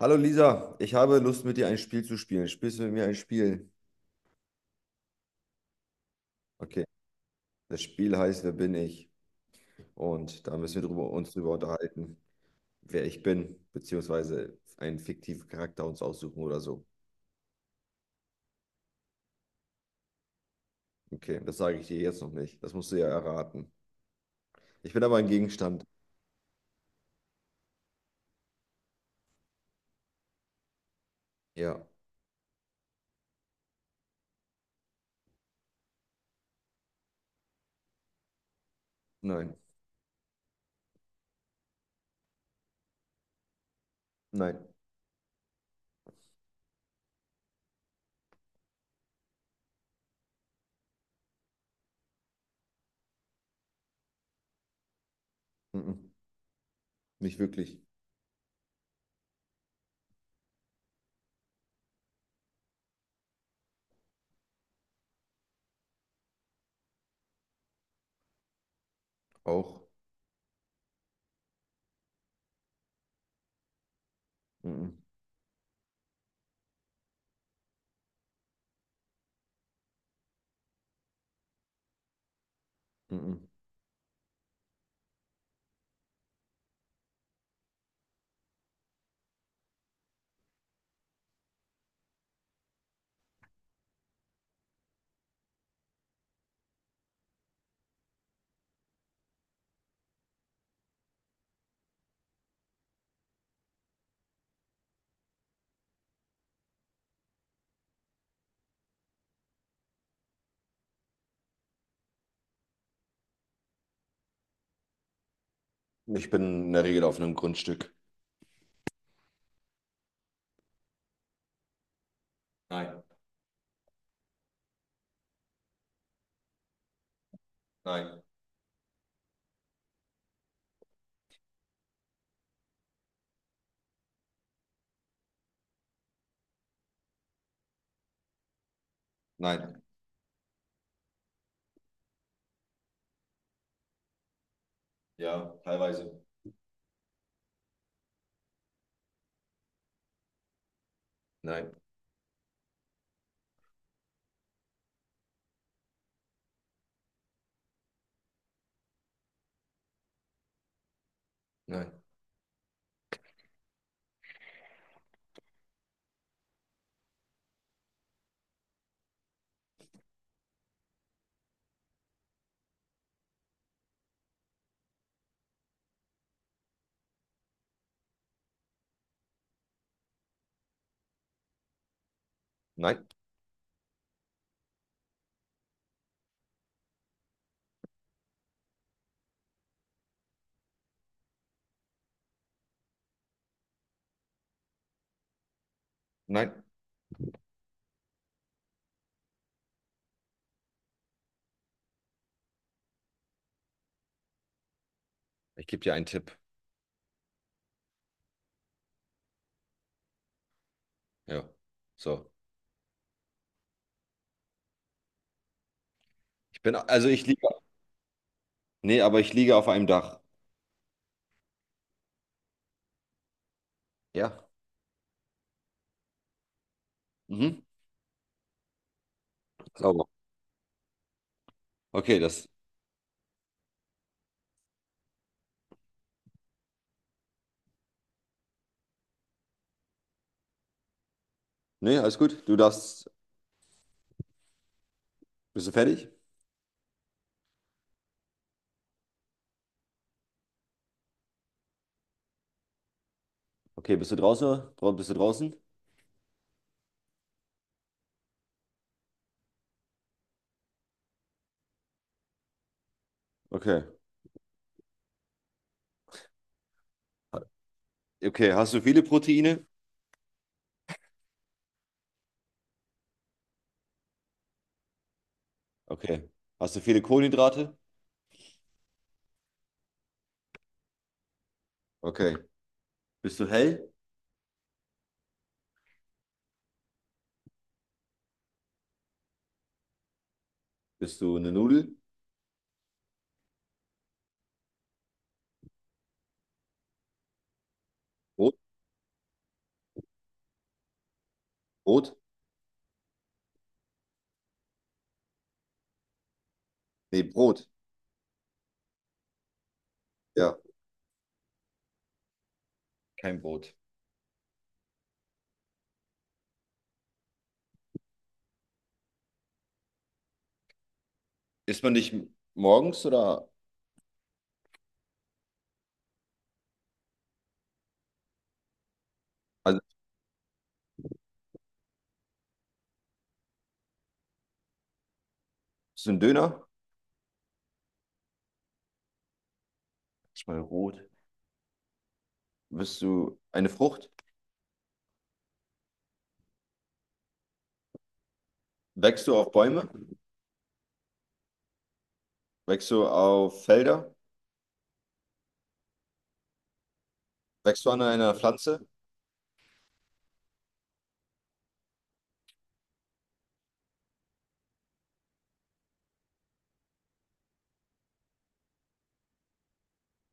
Hallo Lisa, ich habe Lust mit dir ein Spiel zu spielen. Spielst du mit mir ein Spiel? Okay, das Spiel heißt Wer bin ich? Und da müssen wir uns drüber unterhalten, wer ich bin, beziehungsweise einen fiktiven Charakter uns aussuchen oder so. Okay, das sage ich dir jetzt noch nicht. Das musst du ja erraten. Ich bin aber ein Gegenstand. Ja, nein, nein, mhm. Nicht wirklich. Auch. Mhm. Mhm. Ich bin in der Regel auf einem Grundstück. Nein, nein, nein. Ja, teilweise. Nein, nein, nein, nein. Ich gebe dir einen Tipp. Ja. So. Ich bin, also ich liege. Nee, aber ich liege auf einem Dach. Ja. Mhm. Sauber. Okay, das. Nee, alles gut. Du darfst. Bist du fertig? Okay, bist du draußen? Bist du draußen? Okay. Okay, hast du viele Proteine? Okay. Hast du viele Kohlenhydrate? Okay. Bist du hell? Bist du eine Nudel? Brot? Brot? Nee, Brot. Ja. Kein Brot. Isst man dich morgens oder? Also, bist du ein Döner? Ist mal rot. Bist du eine Frucht? Wächst du auf Bäume? Wächst du auf Felder? Wächst du an einer Pflanze?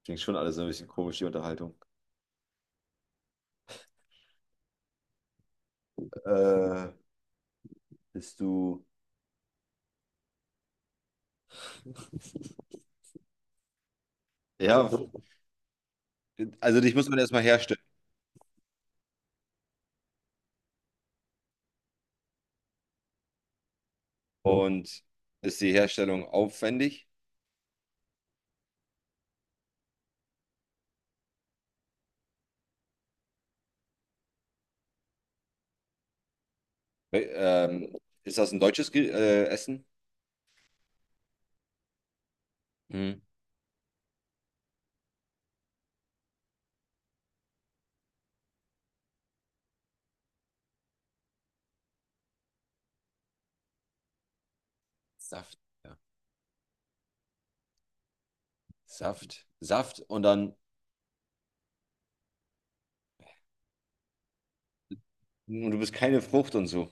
Klingt schon alles so ein bisschen komisch, die Unterhaltung. Äh, Bist du. Ja, also dich muss man erstmal herstellen. Und ist die Herstellung aufwendig? Wä- Ähm, Ist das ein deutsches Ge Essen? Mhm. Saft, ja. Saft, Saft und dann. Und du bist keine Frucht und so.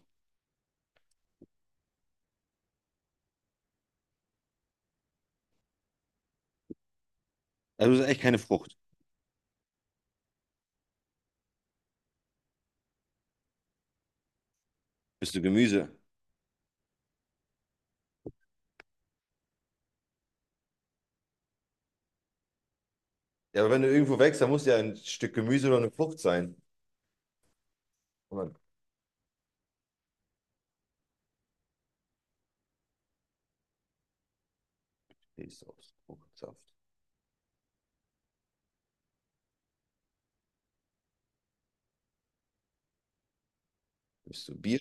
Also du bist echt keine Frucht. Bist du Gemüse? Ja, aber wenn du irgendwo wächst, dann muss ja ein Stück Gemüse oder eine Frucht sein. Und dann stehst du aus Fruchtsaft. Bist du Bier?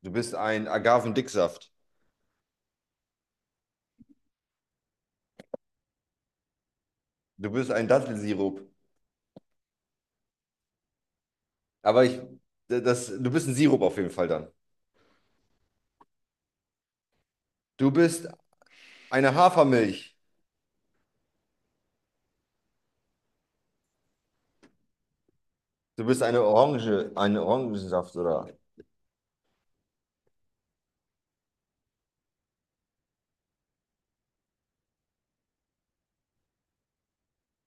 Du bist ein Agavendicksaft. Du bist ein Dattelsirup. Aber ich, Du bist ein Sirup auf jeden Fall dann. Du bist eine Hafermilch. Du bist eine Orange, ein Orangensaft oder.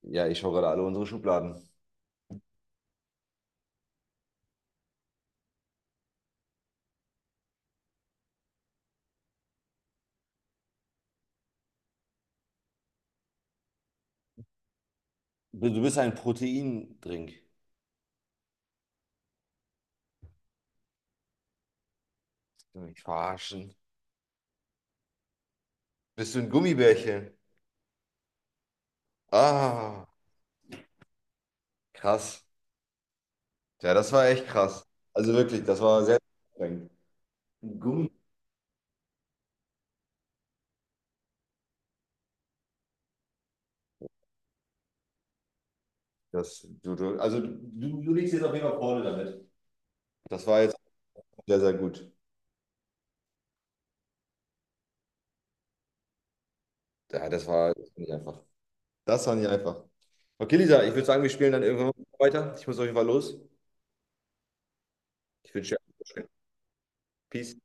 Ja, ich schaue gerade alle unsere Schubladen. Du bist ein Proteindrink. Willst Du mich verarschen. Bist du ein Gummibärchen? Ah, krass. Ja, das war echt krass. Also wirklich, das war sehr anstrengend. Ein Gummi. Das, du liegst jetzt auf jeden Fall vorne damit. Das war jetzt sehr, sehr gut. Ja, das war nicht einfach. Das war nicht einfach. Okay, Lisa, ich würde sagen, wir spielen dann irgendwann weiter. Ich muss auf jeden Fall los. Ich wünsche dir alles Gute. Peace.